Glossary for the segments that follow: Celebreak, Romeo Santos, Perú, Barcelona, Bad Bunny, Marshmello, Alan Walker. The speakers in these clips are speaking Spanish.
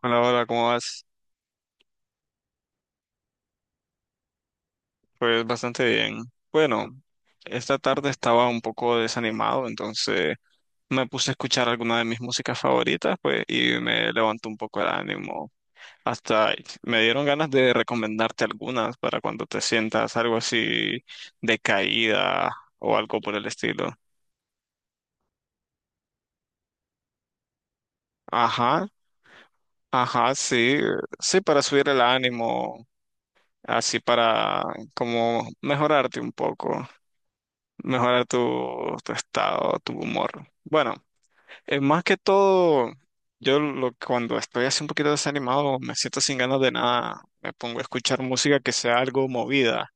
Hola, hola, ¿cómo vas? Pues bastante bien. Bueno, esta tarde estaba un poco desanimado, entonces me puse a escuchar alguna de mis músicas favoritas, pues, y me levantó un poco el ánimo. Hasta me dieron ganas de recomendarte algunas para cuando te sientas algo así decaída o algo por el estilo. Ajá, ajá, sí, sí, para subir el ánimo, así para como mejorarte un poco. Mejorar tu, tu estado, tu humor. Bueno, más que todo, cuando estoy así un poquito desanimado, me siento sin ganas de nada, me pongo a escuchar música que sea algo movida.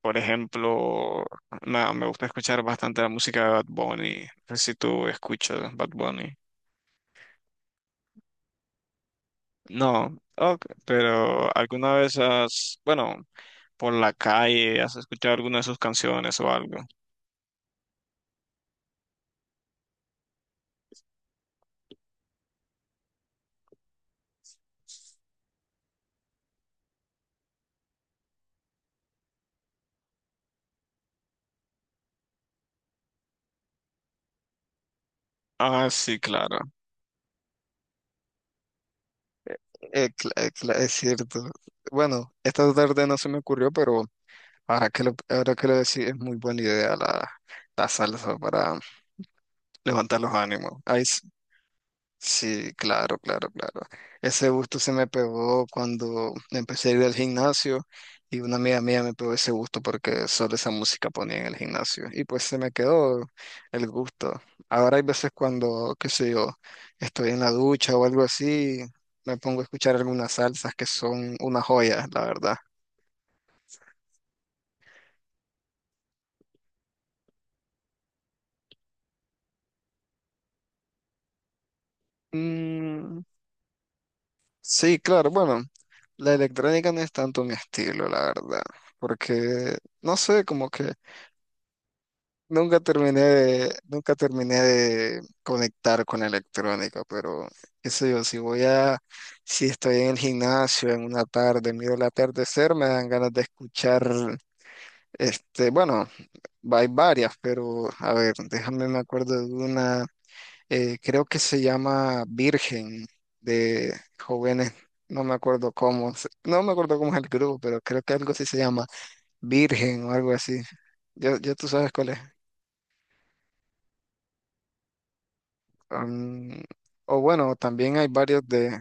Por ejemplo, me gusta escuchar bastante la música de Bad Bunny. No sé si tú escuchas Bad Bunny. No, ok, pero bueno, por la calle, has escuchado alguna de sus canciones o algo. Ah, sí, claro. Es cierto. Bueno, esta tarde no se me ocurrió, pero ahora que lo decís, es muy buena idea la salsa para levantar los ánimos. Ahí, sí, claro, claro, claro. Ese gusto se me pegó cuando empecé a ir al gimnasio y una amiga mía me pegó ese gusto porque solo esa música ponía en el gimnasio y pues se me quedó el gusto. Ahora hay veces cuando, qué sé yo, estoy en la ducha o algo así, me pongo a escuchar algunas salsas que son una joya, la verdad. Mm, sí, claro, bueno, la electrónica no es tanto mi estilo, la verdad, porque, no sé, como que... nunca terminé de conectar con la electrónica, pero qué sé yo, si estoy en el gimnasio en una tarde, miro el atardecer, me dan ganas de escuchar, bueno, hay varias, pero a ver, déjame me acuerdo de una, creo que se llama Virgen de jóvenes, no me acuerdo cómo, se- no me acuerdo cómo es el grupo, pero creo que algo así se llama Virgen o algo así. Ya, ya tú sabes cuál es. Mm, o bueno, también hay varios de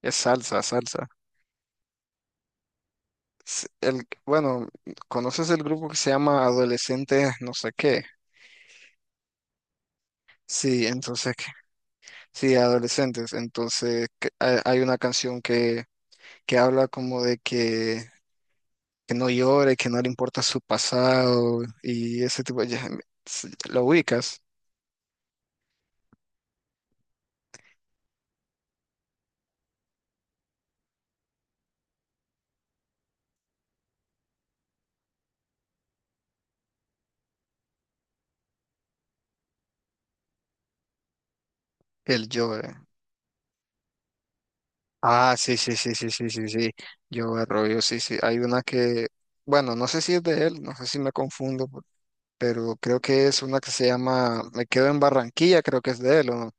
es salsa, salsa. El, bueno, ¿conoces el grupo que se llama Adolescentes no sé qué? Sí, entonces, que- sí, adolescentes. Entonces, que- hay una canción que habla como de que no llore, que no le importa su pasado y ese tipo de... ya, ¿lo ubicas? El llore. Ah, sí, sí, sí, sí, sí, sí, sí. Yo Arroyo, sí, sí. Bueno, no sé si es de él, no sé si me confundo, pero creo que es una que se llama Me quedo en Barranquilla, creo que es de él, ¿o no?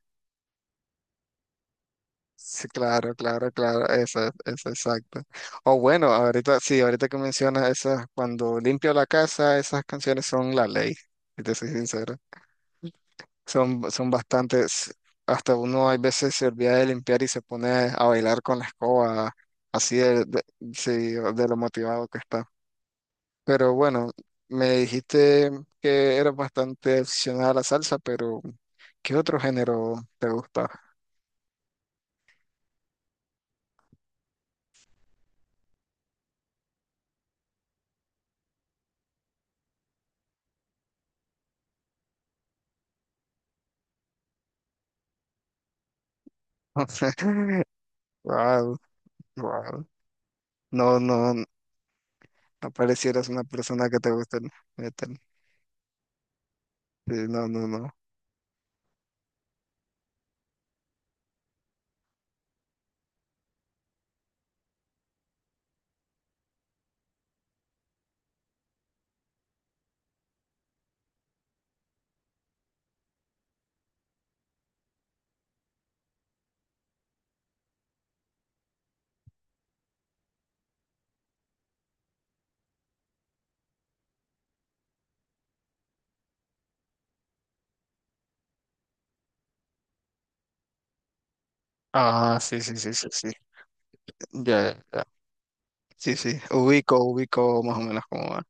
Sí, claro, claro, claro, esa, exacto. O bueno, ahorita, sí, ahorita que mencionas esas, cuando limpio la casa, esas canciones son la ley, si te soy sincero. Son, son bastantes, hasta uno hay veces se olvida de limpiar y se pone a bailar con la escoba, así de, de- sí, de lo motivado que está. Pero bueno, me dijiste que eras bastante aficionada a la salsa, pero ¿qué otro género te gusta? Wow, wow. No, no, no parecieras una persona que te gusta el metal. Sí, no, no, no. Ah, sí, sí, sí, sí, sí. Ya, ya, ya. Sí, sí. Ubico más o menos como.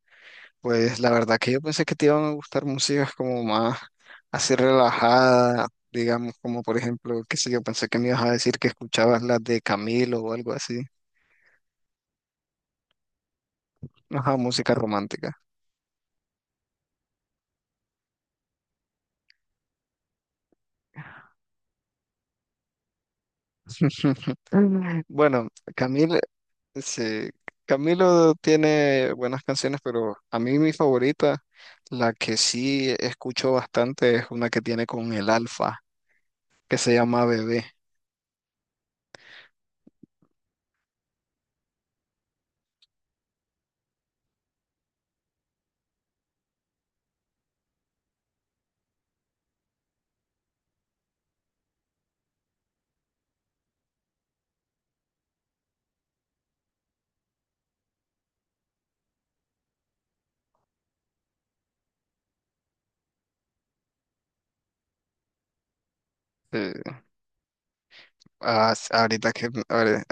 Pues la verdad que yo pensé que te iban a gustar músicas como más así relajada, digamos, como por ejemplo, qué sé yo, pensé que me ibas a decir que escuchabas las de Camilo o algo así. Ajá, música romántica. Mm. Bueno, Camilo, sí, Camilo tiene buenas canciones, pero a mí mi favorita, la que sí escucho bastante, es una que tiene con el Alfa, que se llama Bebé. Eh, ah, ahorita que, ahora-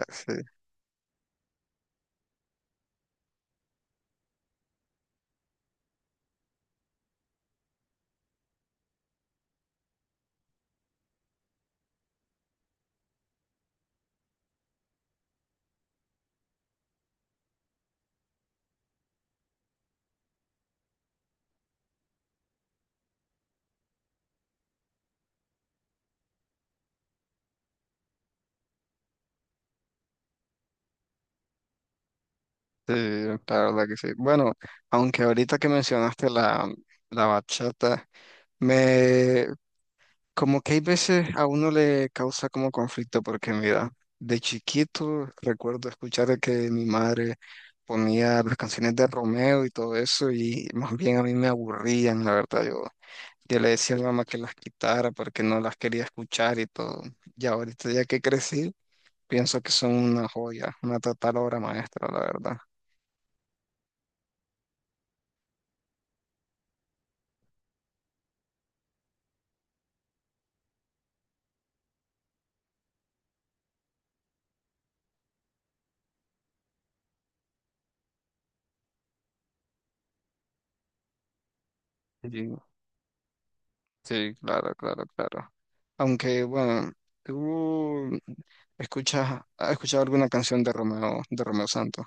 Sí, la verdad que sí. Bueno, aunque ahorita que mencionaste la bachata, me como que hay veces a uno le causa como conflicto porque mira, de chiquito recuerdo escuchar que mi madre ponía las canciones de Romeo y todo eso y más bien a mí me aburrían, la verdad. Yo le decía a mi mamá que las quitara porque no las quería escuchar y todo. Y ahorita ya que crecí, pienso que son una joya, una total obra maestra, la verdad. Sí, claro, claro, claro. Aunque, bueno, tú ¿has escuchado alguna canción de Romeo Santos?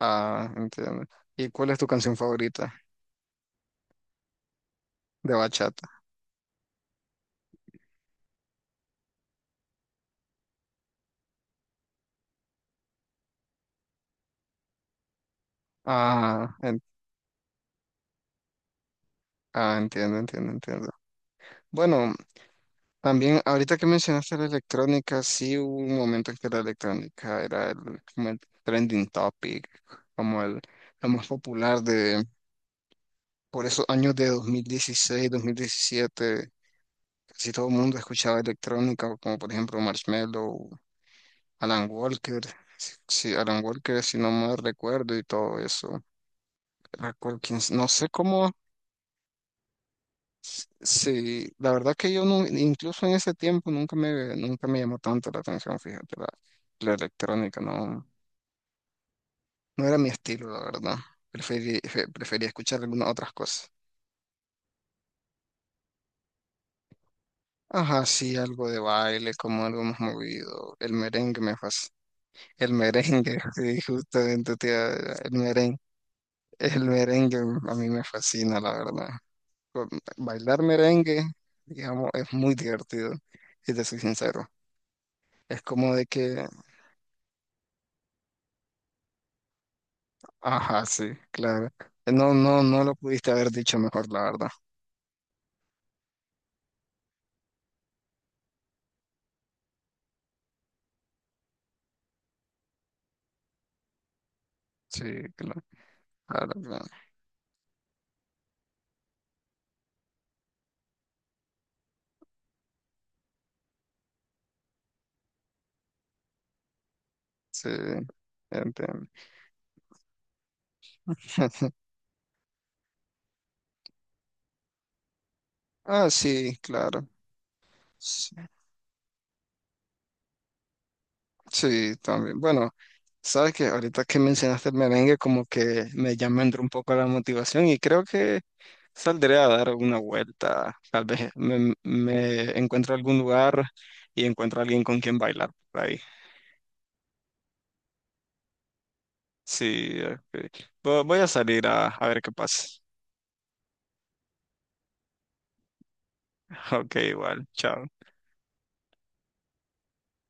Ah, entiendo. ¿Y cuál es tu canción favorita de bachata? Ah, en- ah, entiendo, entiendo, entiendo. Bueno, también ahorita que mencionaste la electrónica, sí hubo un momento en que la electrónica era como el trending topic, como el, lo más popular de por esos años de 2016, 2017. Casi todo el mundo escuchaba electrónica, como por ejemplo Marshmello, Alan Walker, si Alan Walker, si no mal recuerdo, y todo eso. Era Colkins, no sé cómo, sí, la verdad que yo no, incluso en ese tiempo nunca me llamó tanto la atención, fíjate, la electrónica, no, no era mi estilo, la verdad. Prefería escuchar algunas otras cosas. Ajá, sí, algo de baile, como algo más movido. El merengue me fascina. El merengue, sí, justamente, tía, el merengue. El merengue a mí me fascina, la verdad. Con- Bailar merengue, digamos, es muy divertido, si te soy sincero. Es como de que, ajá, sí, claro. No, no, no lo pudiste haber dicho mejor, la verdad. Sí, claro, claro, claro. Sí, entiendo. Ah, sí, claro. Sí, sí, también. Bueno, sabes que ahorita que mencionaste el merengue, como que me llama entró un poco la motivación y creo que saldré a dar una vuelta, tal vez me encuentro algún lugar y encuentro a alguien con quien bailar por ahí. Sí, ok. Voy a salir a ver qué pasa. Ok, igual, chao.